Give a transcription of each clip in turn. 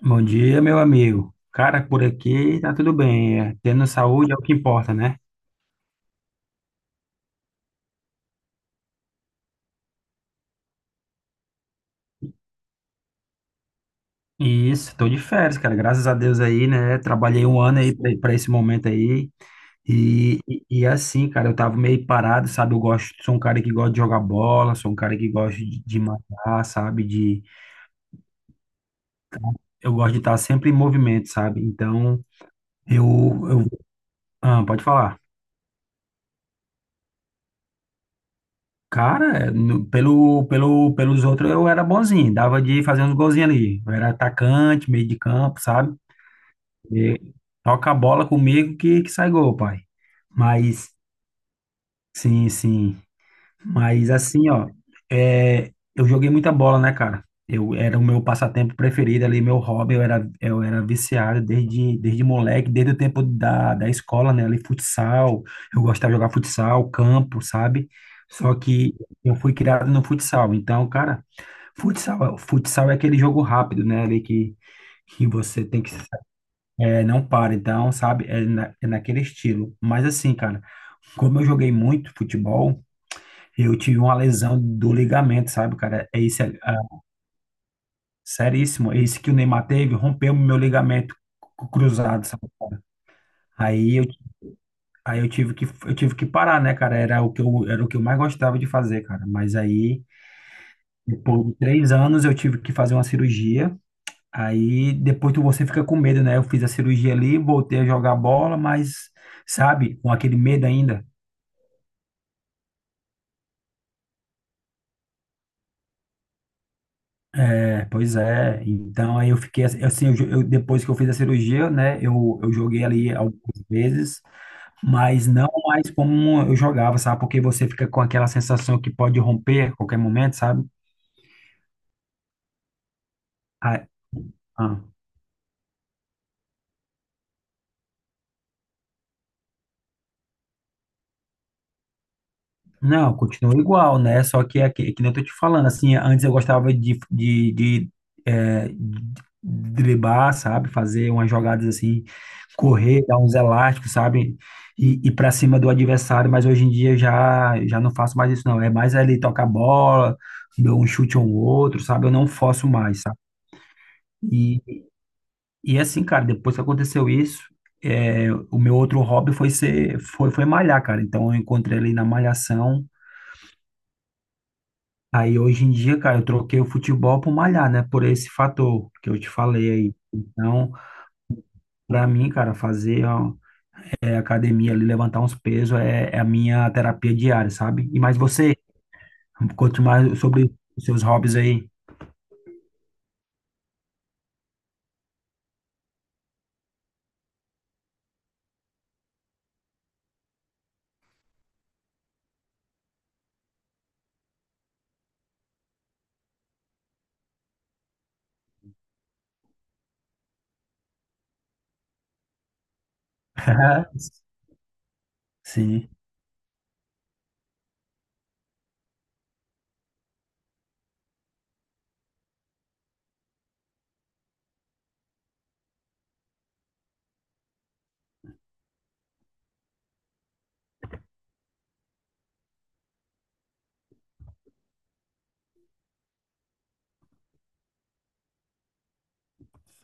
Bom dia, meu amigo. Cara, por aqui tá tudo bem. Tendo saúde é o que importa, né? E isso, tô de férias, cara. Graças a Deus aí, né? Trabalhei um ano aí pra esse momento aí. E assim, cara, eu tava meio parado, sabe? Eu gosto, sou um cara que gosta de jogar bola, sou um cara que gosta de matar, sabe? Eu gosto de estar sempre em movimento, sabe? Então, eu, eu, pode falar. Cara, pelos outros eu era bonzinho, dava de fazer uns golzinhos ali. Eu era atacante, meio de campo, sabe? E toca a bola comigo que sai gol, pai. Mas, sim, sim. Mas assim, ó, eu joguei muita bola, né, cara? Eu era o meu passatempo preferido ali, meu hobby, eu era viciado desde moleque, desde o tempo da escola, né? Ali, futsal, eu gostava de jogar futsal, campo, sabe? Só que eu fui criado no futsal. Então, cara, futsal, futsal é aquele jogo rápido, né? Ali que você tem que, não para. Então, sabe? É naquele estilo. Mas assim, cara, como eu joguei muito futebol, eu tive uma lesão do ligamento, sabe, cara? É isso, seríssimo. É isso que o Neymar teve, rompeu o meu ligamento cruzado, sabe? Aí eu, aí eu tive que parar, né, cara? Era o que eu mais gostava de fazer, cara. Mas aí, depois de 3 anos, eu tive que fazer uma cirurgia. Aí, depois você fica com medo, né? Eu fiz a cirurgia ali, voltei a jogar bola, mas, sabe, com aquele medo ainda. É, pois é, então aí eu fiquei assim, depois que eu fiz a cirurgia, né, eu joguei ali algumas vezes, mas não mais como eu jogava, sabe? Porque você fica com aquela sensação que pode romper a qualquer momento, sabe? Ah, ah. Não, continua igual, né? Só que é que nem eu tô te falando, assim, antes eu gostava de driblar, sabe? Fazer umas jogadas assim, correr, dar uns elásticos, sabe? E ir para cima do adversário, mas hoje em dia eu já não faço mais isso, não. É mais ali tocar a bola, dou um chute ou um outro, sabe? Eu não forço mais, sabe? E, e assim, cara, depois que aconteceu isso, o meu outro hobby foi ser, foi malhar, cara. Então eu encontrei ali na malhação. Aí hoje em dia, cara, eu troquei o futebol por malhar, né? Por esse fator que eu te falei aí. Então, pra mim, cara, fazer ó, academia ali, levantar uns pesos é a minha terapia diária, sabe? E mais você, conte mais sobre os seus hobbies aí. Sim.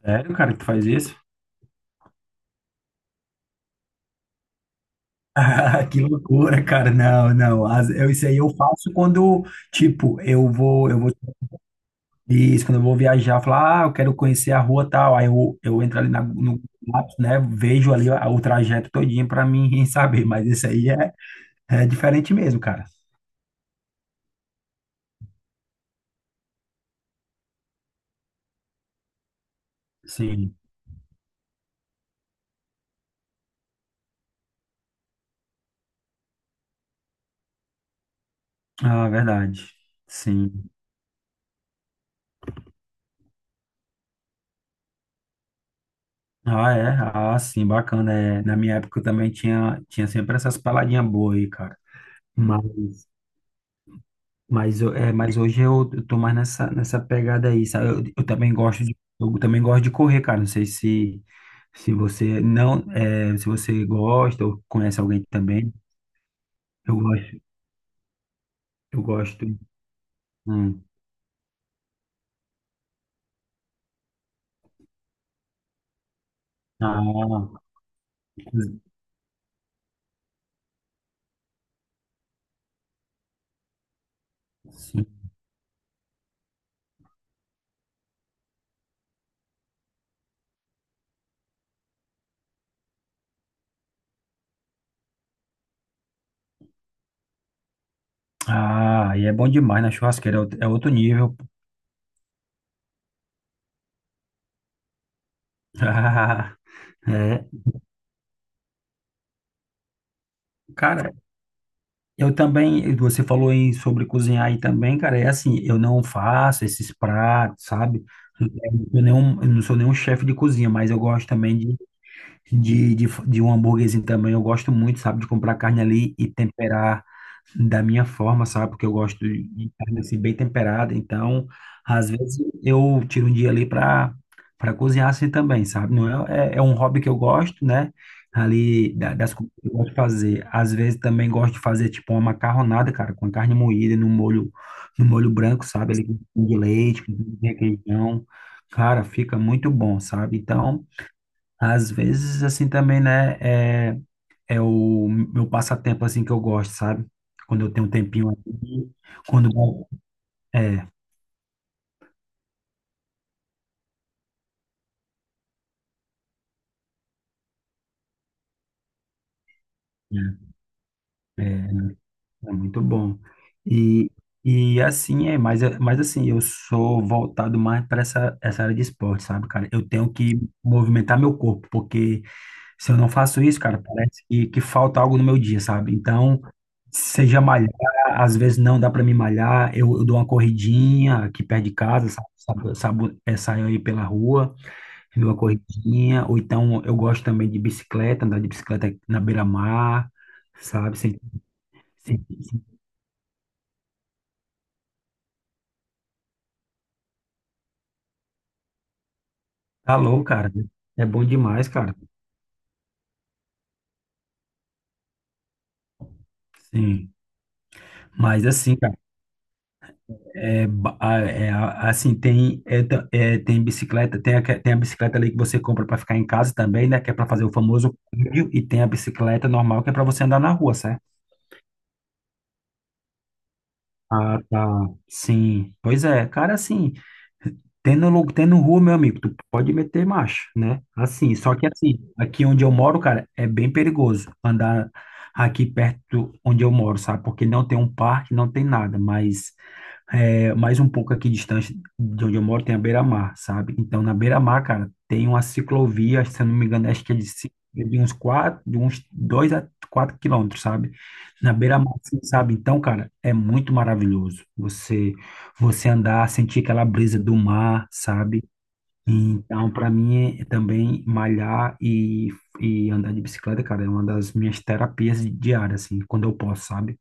Sério, cara, que tu faz isso? Ah, que loucura, cara. Não, não. Isso aí eu faço quando, tipo, eu vou Isso, quando eu vou viajar, eu falo, ah, eu quero conhecer a rua tal. Aí eu entro ali no Maps, né? Vejo ali o trajeto todinho para mim saber. Mas isso aí é diferente mesmo, cara. Sim. Ah, verdade. Sim. Ah, é? Ah, sim, bacana. É, na minha época eu também tinha sempre essas paladinhas boas aí, cara. Mas mas hoje eu tô mais nessa pegada aí, sabe? Eu também gosto de, eu também gosto de correr, cara. Não sei se você gosta ou conhece alguém também. Eu gosto, eu gosto. Hum. Ah, sim. Ah, e é bom demais na churrasqueira, é outro nível. Ah, é, cara. Eu também, você falou em sobre cozinhar aí também, cara, é assim, eu não faço esses pratos, sabe? Eu eu não sou nenhum chefe de cozinha, mas eu gosto também de um hambúrguerzinho também, eu gosto muito, sabe, de comprar carne ali e temperar da minha forma, sabe? Porque eu gosto de carne assim, bem temperada. Então, às vezes eu tiro um dia ali para cozinhar assim também, sabe? Não é um hobby que eu gosto, né? Ali das coisas que eu gosto de fazer. Às vezes também gosto de fazer tipo uma macarronada, cara, com carne moída no molho branco, sabe? Ali com de leite, com requeijão. Cara, fica muito bom, sabe? Então, às vezes assim também, né? É o meu passatempo assim que eu gosto, sabe? Quando eu tenho um tempinho aqui, quando é, é, é é muito bom. E, e assim é, mas assim, eu sou voltado mais para essa área de esporte, sabe, cara? Eu tenho que movimentar meu corpo, porque se eu não faço isso, cara, parece que falta algo no meu dia, sabe? Então, seja malhar, às vezes não dá para me malhar, eu dou uma corridinha aqui perto de casa, sabe? Sabe, saio aí pela rua, numa corridinha, ou então eu gosto também de bicicleta, andar de bicicleta na beira-mar, sabe? Sem calor, cara. É bom demais, cara. Sim. Mas assim, cara, assim, tem, é, ta- é, tem bicicleta, tem a bicicleta ali que você compra para ficar em casa também, né? Que é para fazer o famoso cardio, e tem a bicicleta normal que é para você andar na rua, certo? Ah, tá. Sim. Pois é, cara, assim, tendo rua, meu amigo, tu pode meter marcha, né? Assim, só que assim, aqui onde eu moro, cara, é bem perigoso andar aqui perto onde eu moro, sabe? Porque não tem um parque, não tem nada, mas mais um pouco aqui distante de onde eu moro tem a Beira-Mar, sabe? Então, na Beira-Mar, cara, tem uma ciclovia, se eu não me engano, acho que é de uns 2 a 4 quilômetros, sabe? Na Beira-Mar, assim, sabe? Então, cara, é muito maravilhoso você andar, sentir aquela brisa do mar, sabe? Então, para mim, é também malhar e andar de bicicleta, cara, é uma das minhas terapias diárias, assim, quando eu posso, sabe?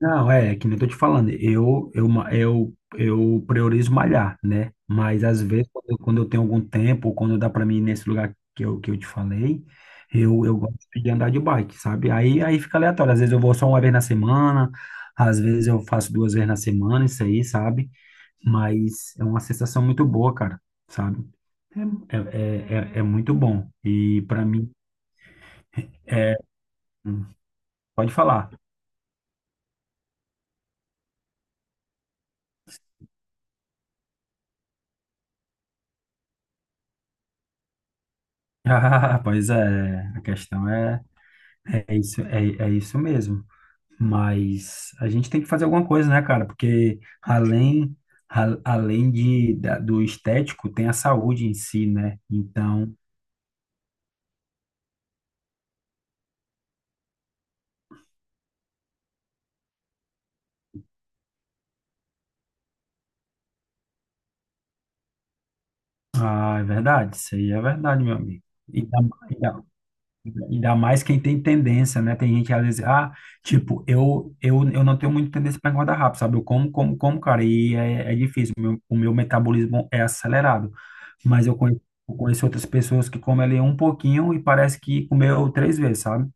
Não, é que nem eu tô te falando, eu priorizo malhar, né? Mas às vezes, quando eu tenho algum tempo, ou quando dá para mim ir nesse lugar que eu te falei, eu gosto de andar de bike, sabe? Aí fica aleatório, às vezes eu vou só uma vez na semana, às vezes eu faço duas vezes na semana, isso aí, sabe? Mas é uma sensação muito boa, cara, sabe? É muito bom. E para mim, é, hum, pode falar. Ah, pois é, a questão é. É isso, é isso mesmo. Mas a gente tem que fazer alguma coisa, né, cara? Porque além do estético, tem a saúde em si, né? Então, ah, é verdade, isso aí é verdade, meu amigo. E dá, e dá- Ainda mais quem tem tendência, né? Tem gente que às vezes, ah, tipo, eu não tenho muita tendência para engordar rápido, sabe? Eu como, como, como, cara, e é difícil. O meu metabolismo é acelerado. Mas eu conheci outras pessoas que comem ali um pouquinho e parece que comeu três vezes, sabe?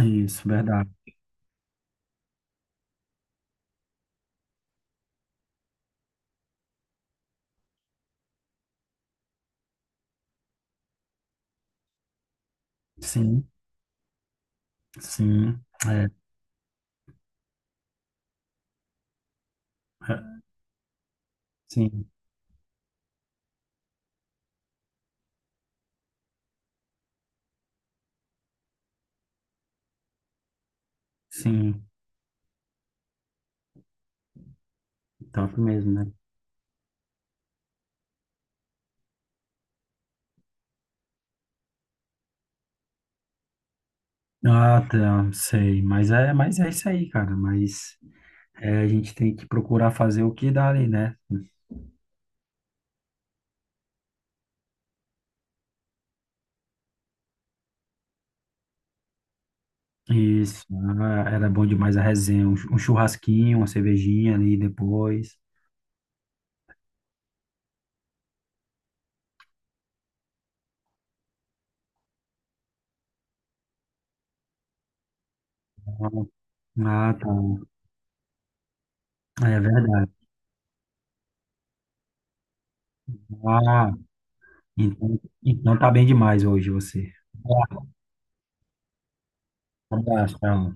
Isso, verdade. Sim, sim, é, é, sim, sim, top mesmo, né? Ah, tá, sei, mas é isso aí, cara, mas, a gente tem que procurar fazer o que dá ali, né? Isso, ah, era bom demais a resenha, um churrasquinho, uma cervejinha ali depois. Ah, tá, é verdade. Ah, então tá bem demais hoje você. Um abraço, tchau.